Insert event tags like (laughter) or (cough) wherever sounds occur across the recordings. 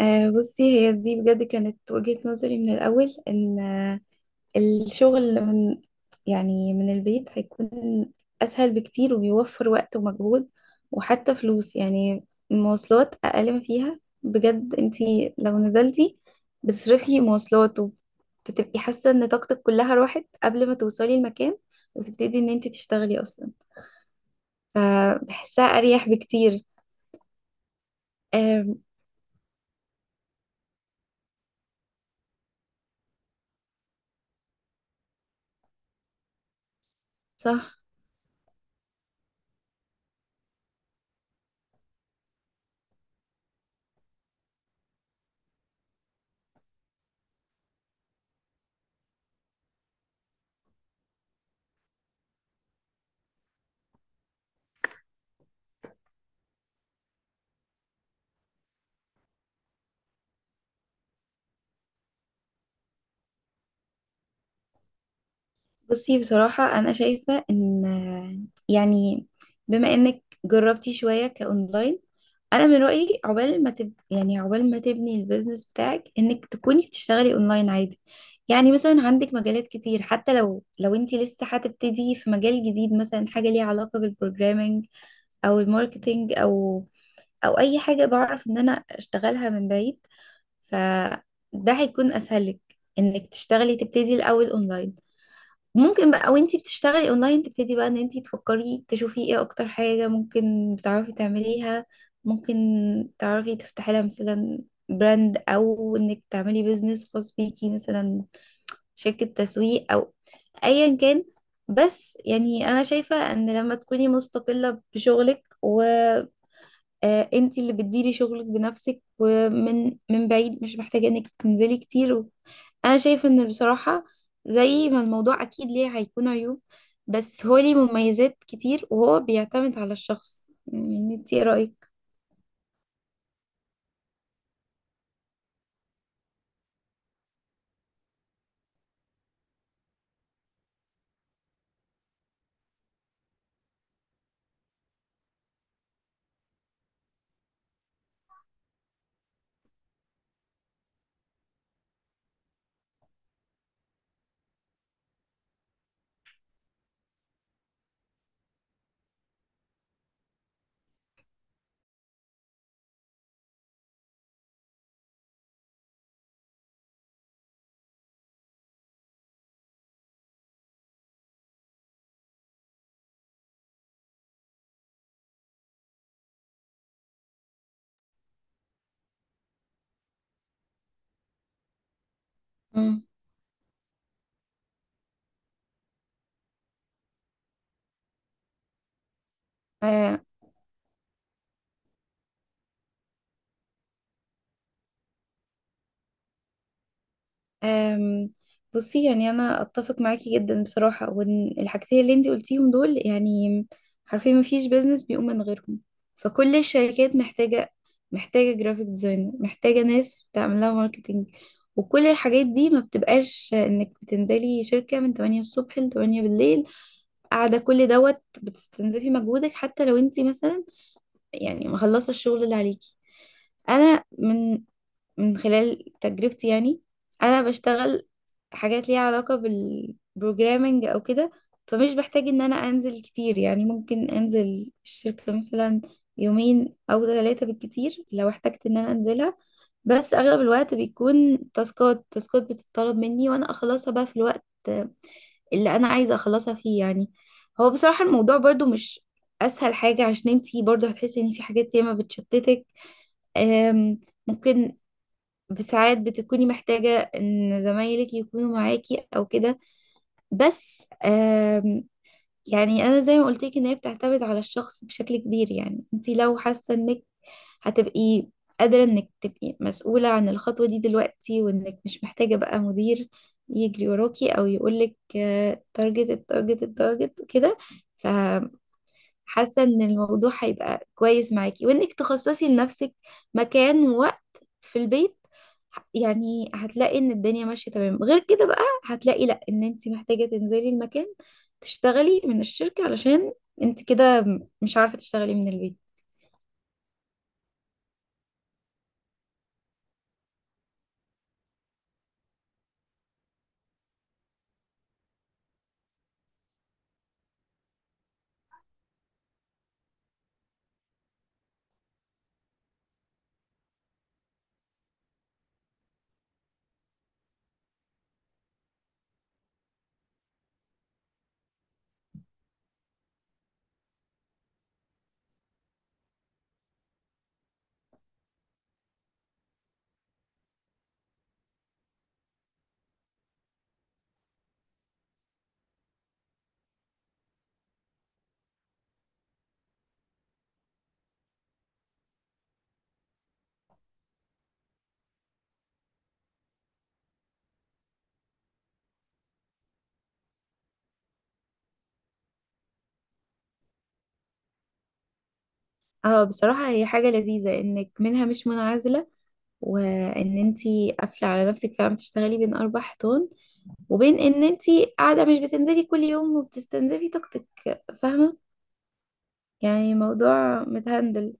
بصي، هي دي بجد كانت وجهة نظري من الأول إن الشغل من يعني، من البيت هيكون أسهل بكتير، وبيوفر وقت ومجهود وحتى فلوس. يعني المواصلات أقل ما فيها، بجد انتي لو نزلتي بتصرفي مواصلات وبتبقي حاسة إن طاقتك كلها راحت قبل ما توصلي المكان وتبتدي إن انتي تشتغلي أصلا، فبحسها أريح بكتير. آم، صح. بصي بصراحة أنا شايفة إن، يعني، بما إنك جربتي شوية كأونلاين، أنا من رأيي عقبال ما تبني البيزنس بتاعك إنك تكوني بتشتغلي أونلاين عادي. يعني مثلا عندك مجالات كتير، حتى لو أنت لسه هتبتدي في مجال جديد، مثلا حاجة ليها علاقة بالبروجرامينج أو الماركتينج أو أي حاجة بعرف إن أنا أشتغلها من بعيد، فده هيكون أسهل لك إنك تشتغلي تبتدي الأول أونلاين. ممكن بقى وانتي بتشتغلي اونلاين تبتدي بقى ان انتي تفكري تشوفي ايه اكتر حاجة ممكن بتعرفي تعمليها. ممكن تعرفي تفتحي لها مثلا براند، او انك تعملي بيزنس خاص بيكي، مثلا شركة تسويق او ايا كان. بس يعني انا شايفة ان لما تكوني مستقلة بشغلك و... آه، انت اللي بتديري شغلك بنفسك ومن بعيد، مش محتاجة انك تنزلي كتير انا شايفة ان بصراحة زي ما الموضوع اكيد ليه هيكون عيوب، بس هو ليه مميزات كتير، وهو بيعتمد على الشخص. يعني انت ايه رأيك؟ مم. أم، بصي يعني انا اتفق معاكي جدا بصراحه، وان الحاجتين اللي انت قلتيهم دول يعني حرفيا ما فيش بيزنس بيقوم من غيرهم. فكل الشركات محتاجه جرافيك ديزاينر، محتاجه ناس تعمل لها ماركتينج. وكل الحاجات دي ما بتبقاش انك بتنزلي شركه من 8 الصبح ل 8 بالليل، قاعده كل دوت بتستنزفي مجهودك، حتى لو انت مثلا يعني مخلصه الشغل اللي عليكي. انا من من خلال تجربتي، يعني انا بشتغل حاجات ليها علاقة بالبروجرامينج او كده، فمش بحتاج ان انا انزل كتير. يعني ممكن انزل الشركة مثلا يومين او ثلاثة بالكتير لو احتجت ان انا انزلها، بس اغلب الوقت بيكون تاسكات بتطلب مني وانا اخلصها بقى في الوقت اللي انا عايزة اخلصها فيه. يعني هو بصراحة الموضوع برضو مش اسهل حاجة، عشان انتي برضو هتحسي ان في حاجات ياما بتشتتك. أم، ممكن ساعات بتكوني محتاجة ان زمايلك يكونوا معاكي او كده. بس يعني انا زي ما قلت لك ان هي بتعتمد على الشخص بشكل كبير. يعني انت لو حاسة انك هتبقي قادرة انك تبقي مسؤولة عن الخطوة دي دلوقتي، وانك مش محتاجة بقى مدير يجري وراكي او يقولك تارجت التارجت التارجت كده، ف حاسة ان الموضوع هيبقى كويس معاكي، وانك تخصصي لنفسك مكان ووقت في البيت، يعني هتلاقي ان الدنيا ماشية تمام. غير كده بقى هتلاقي لا ان انت محتاجة تنزلي المكان تشتغلي من الشركة، علشان انت كده مش عارفة تشتغلي من البيت. اه بصراحة هي حاجة لذيذة انك منها مش منعزلة، وان انت قافلة على نفسك فعلا بتشتغلي بين اربع حيطان، وبين ان انت قاعدة مش بتنزلي كل يوم وبتستنزفي طاقتك. فاهمة؟ يعني موضوع متهندل.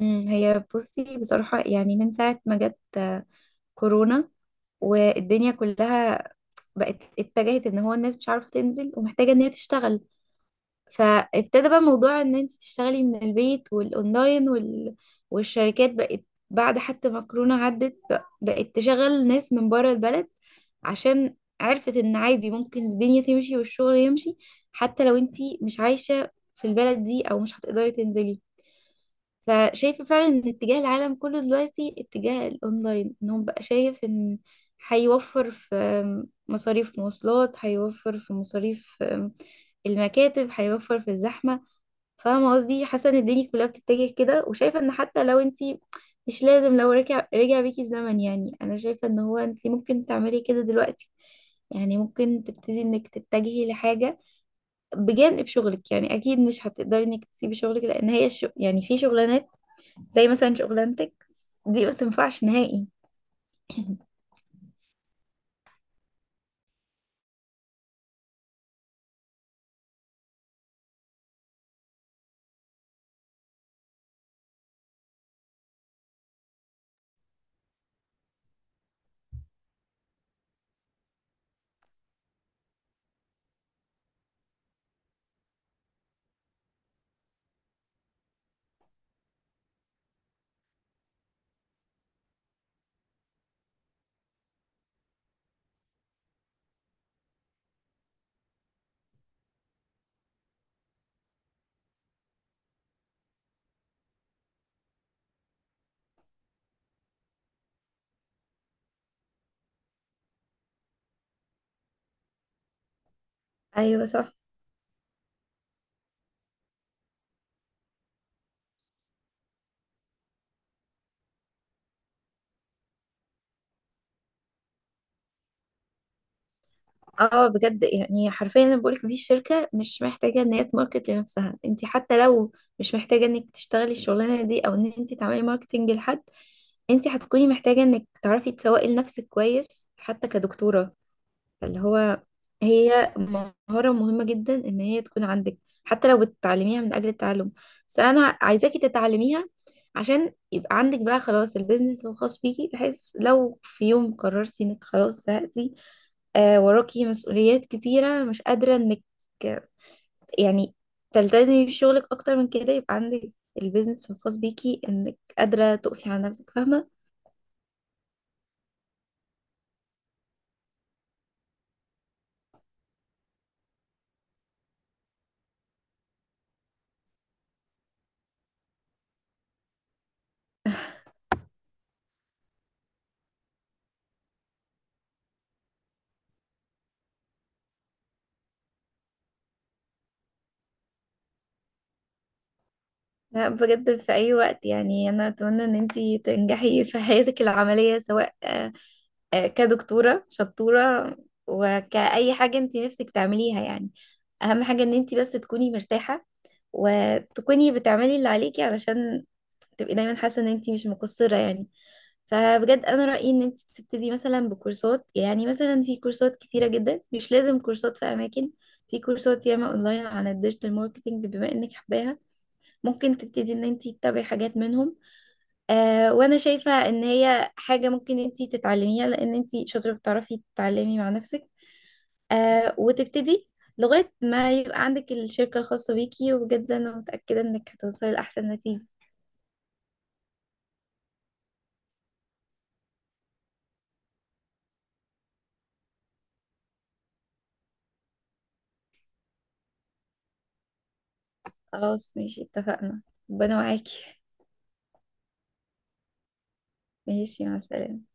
امم، هي بصي بصراحة يعني من ساعة ما جت كورونا، والدنيا كلها بقت اتجهت ان هو الناس مش عارفة تنزل ومحتاجة ان هي تشتغل، فابتدى بقى موضوع ان انت تشتغلي من البيت والاونلاين والشركات بقت بعد حتى ما كورونا عدت بقت تشغل ناس من بره البلد، عشان عرفت ان عادي ممكن الدنيا تمشي والشغل يمشي حتى لو انت مش عايشة في البلد دي او مش هتقدري تنزلي. فشايفة فعلا ان اتجاه العالم كله دلوقتي اتجاه الاونلاين، ان هو بقى شايف ان هيوفر في مصاريف مواصلات، هيوفر في مصاريف المكاتب، هيوفر في الزحمة. فاهمة قصدي؟ حاسة ان الدنيا كلها بتتجه كده. وشايفة ان حتى لو انتي مش لازم لو رجع بيكي الزمن، يعني انا شايفة ان هو انتي ممكن تعملي كده دلوقتي. يعني ممكن تبتدي انك تتجهي لحاجة بجانب شغلك، يعني اكيد مش هتقدري انك تسيبي شغلك، لان هي الشغل يعني في شغلانات زي مثلا شغلانتك دي ما تنفعش نهائي. (clears throat) ايوه صح. اه بجد، يعني حرفيا انا بقولك مفيش شركه مش محتاجه ان هي تماركت لنفسها. انت حتى لو مش محتاجه انك تشتغلي الشغلانه دي او ان انت تعملي ماركتنج لحد، انت هتكوني محتاجه انك تعرفي تسوقي لنفسك كويس حتى كدكتوره. فاللي هو هي مهارة مهمة جدا ان هي تكون عندك، حتى لو بتتعلميها من اجل التعلم. بس انا عايزاكي تتعلميها عشان يبقى عندك بقى خلاص البيزنس الخاص بيكي، بحيث لو في يوم قررتي انك خلاص زهقتي، آه وراكي مسؤوليات كتيرة مش قادرة انك، آه، يعني، تلتزمي بشغلك اكتر من كده، يبقى عندك البيزنس الخاص بيكي انك قادرة تقفي على نفسك. فاهمة؟ لا بجد في أي وقت. يعني أنا أتمنى إن أنتي تنجحي في حياتك العملية، سواء كدكتورة شطورة وكأي حاجة أنتي نفسك تعمليها. يعني أهم حاجة إن أنتي بس تكوني مرتاحة، وتكوني بتعملي اللي عليكي، علشان تبقي دايما حاسة إن أنتي مش مقصرة. يعني فبجد أنا رأيي إن أنتي تبتدي مثلا بكورسات، يعني مثلا في كورسات كتيرة جدا، مش لازم كورسات في أماكن، في كورسات ياما أونلاين عن الديجيتال ماركتينج بما إنك حباها. ممكن تبتدي ان انت تتابعي حاجات منهم. آه، وانا شايفة ان هي حاجة ممكن انت تتعلميها، لان انت شاطرة بتعرفي تتعلمي مع نفسك. آه، وتبتدي لغاية ما يبقى عندك الشركة الخاصة بيكي، وبجد انا متأكدة انك هتوصلي لأحسن نتيجة. خلاص ماشي، اتفقنا. ربنا معاكي. ماشي، مع السلامة.